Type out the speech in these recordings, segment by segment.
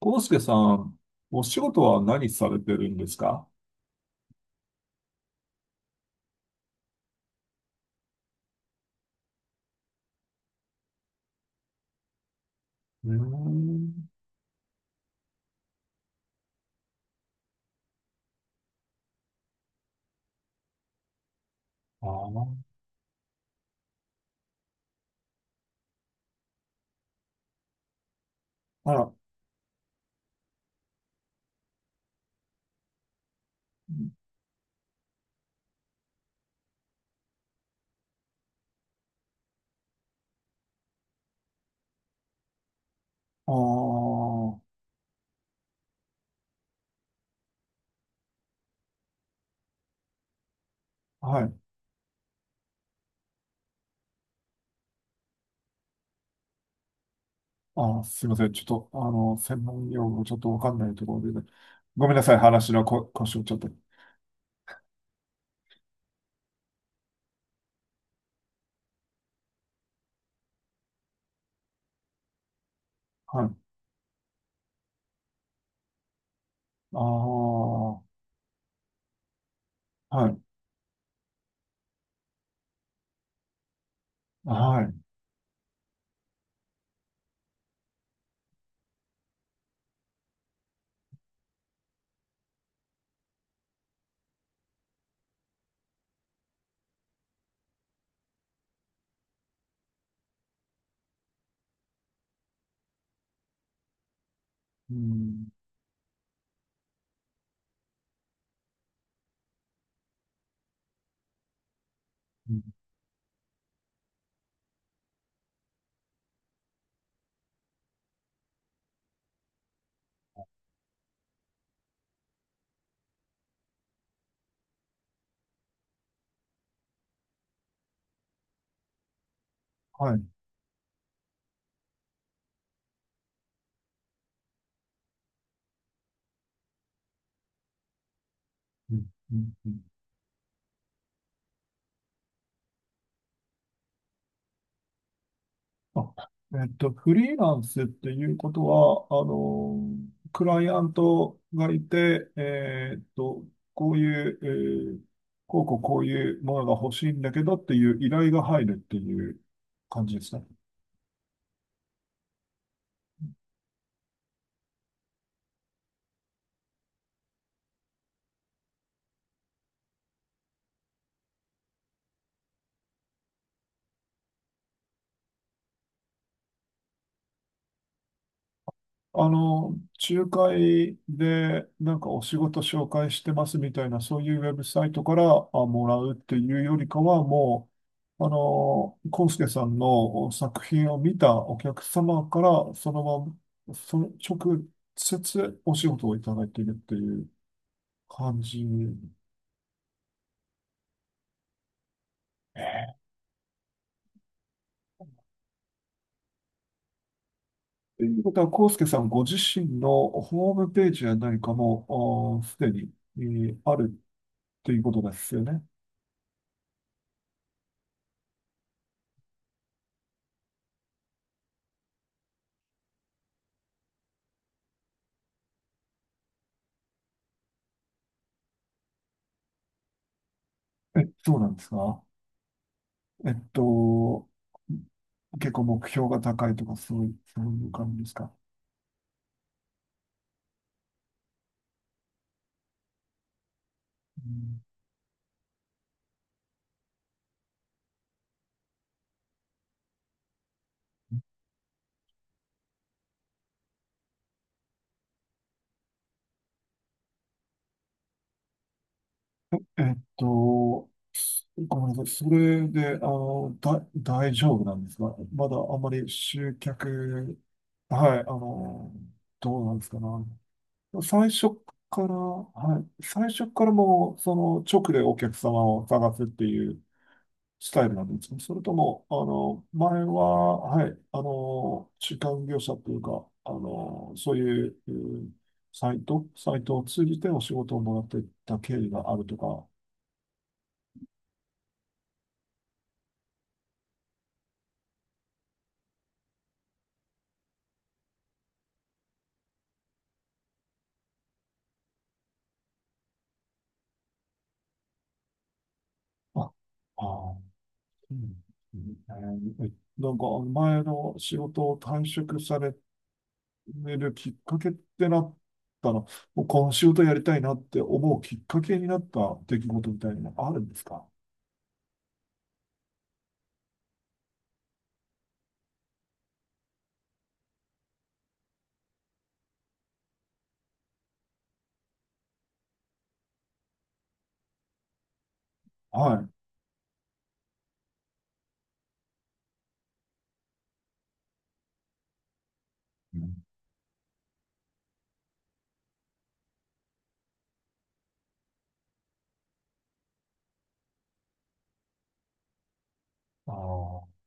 康介さん、お仕事は何されてるんですか？うーん。あー。あら。あー。はい。あー、すいません。ちょっと、専門用語ちょっとわかんないところで、ごめんなさい。話のこ腰をちょっと。はい。ああ、はい。はい。うん。うん。はい。うんうん。うん。あ、フリーランスっていうことは、クライアントがいて、こういう、えーこうこうこういうものが欲しいんだけどっていう依頼が入るっていう感じですね。あの、仲介でなんかお仕事紹介してますみたいな、そういうウェブサイトからあもらうっていうよりかは、もう、コンスケさんの作品を見たお客様から、その直接お仕事をいただいているっていう感じ。ええ。ということは、コンスケさんご自身のホームページや何かも、あすでに、あるということですよね。え、そうなんですか？えっと、結構目標が高いとか、そういう、そういう感じですか？うん。えっと、すごめんなさい。それで、大丈夫なんですか？まだあんまり集客、はい、どうなんですかね。最初から、はい、最初からもう、その、直でお客様を探すっていうスタイルなんですか？それとも、前は、はい、中間業者というか、そういう、うん、サイトを通じてお仕事をもらっていった経緯があるとか、あ、ああ、うんうん、なんか前の仕事を退職されるきっかけってなったの、もうこの仕事やりたいなって思うきっかけになった出来事みたいなのがあるんですか？はい。うん。ああ、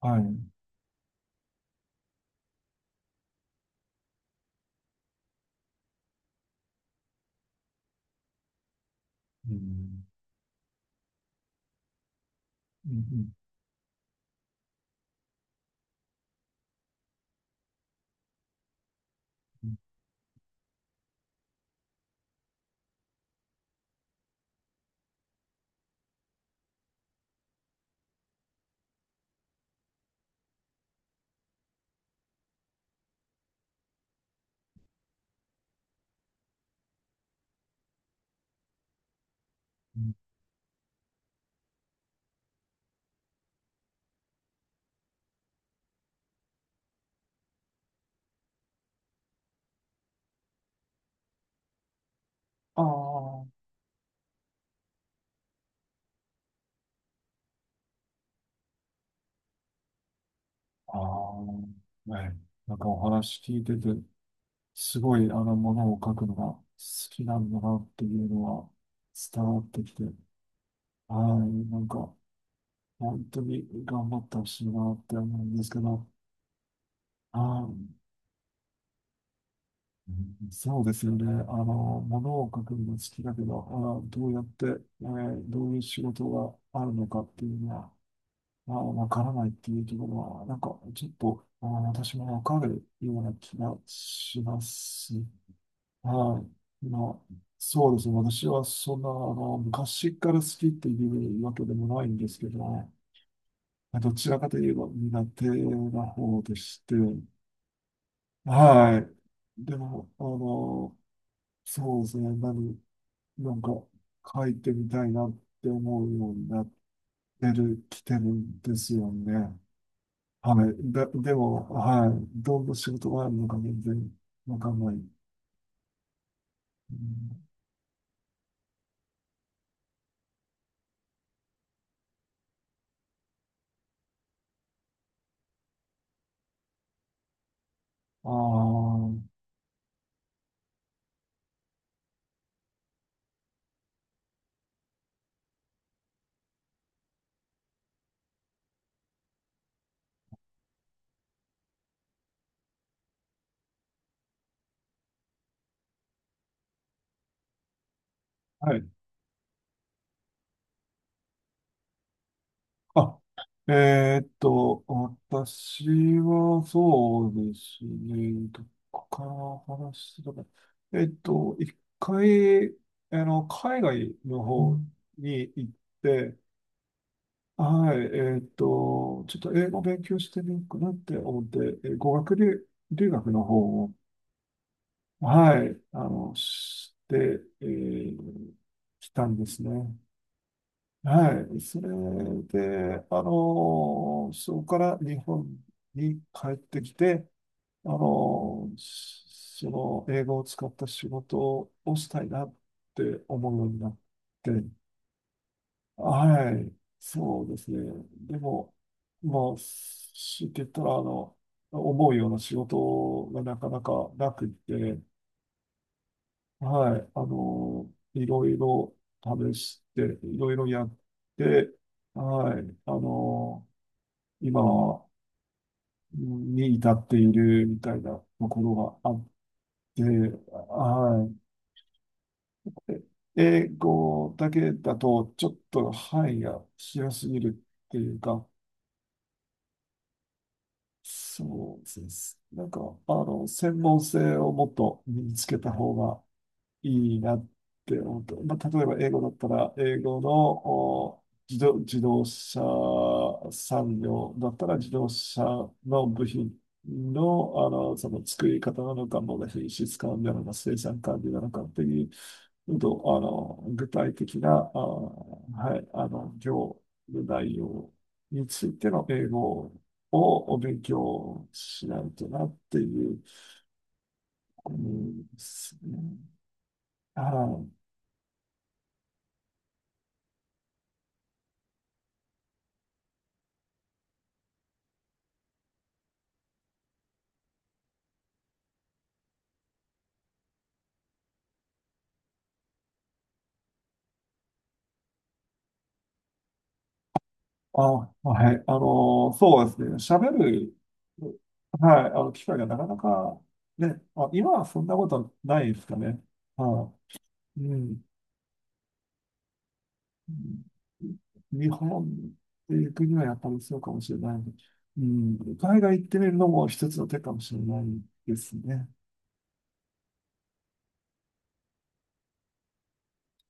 はい。うん。うん。うん。うんうん。ああ。ああ、ね、なんかお話聞いてて、すごいものを書くのが好きなんだなっていうのは伝わってきて、はい、なんか本当に頑張ってほしいなって思うんですけど、はい、うん、そうですよね。ものを書くのが好きだけど、どうやって、どういう仕事があるのかっていうのは、まあわからないっていうところは、なんかちょっと、私もわかるような気がします。はい。まあ、そうですね。私はそんな、昔から好きっていうわけでもないんですけどね、まあどちらかといえば苦手な方でして、はい。でも、そうですね。なんか書いてみたいなって思うようになってる、きてるんですよね。はい。でも、はい。どんな仕事があるのか全然わかんない。うん。ああ、はい。あ、えーっと、私はそうですね、どこから話してたか。一回、海外の方に行って、はい、ちょっと英語勉強してみようかなって思って、えー語学留、留学の方を、はい、して、来たんですね。はい。それで、そこから日本に帰ってきて、その英語を使った仕事をしたいなって思うようになって、はい。そうですね。でも、まあ、しって言ったら、思うような仕事がなかなかなくって、はい、いろいろ試して、いろいろやって、はい、今に至っているみたいなところがあって、はい。英語だけだと、ちょっと範囲が広すぎるっていうか、そうです。なんか、専門性をもっと身につけた方がいいなって思って、まあ、例えば英語だったら、英語のお自動車産業だったら、自動車の部品の、その作り方なのか、もの品質管理なのか、生産管理なのかっていう、と、あの、具体的な、あ、はい、業務内容についての英語をお勉強しないとなっていう、うん、ですね。はい。あ、はい。そうですね。喋る、はい、機会がなかなか、ね、あ、今はそんなことないですかね。はい。うん。日本っていう国はやっぱりそうかもしれない。うん。海外行ってみるのも一つの手かもしれないですね。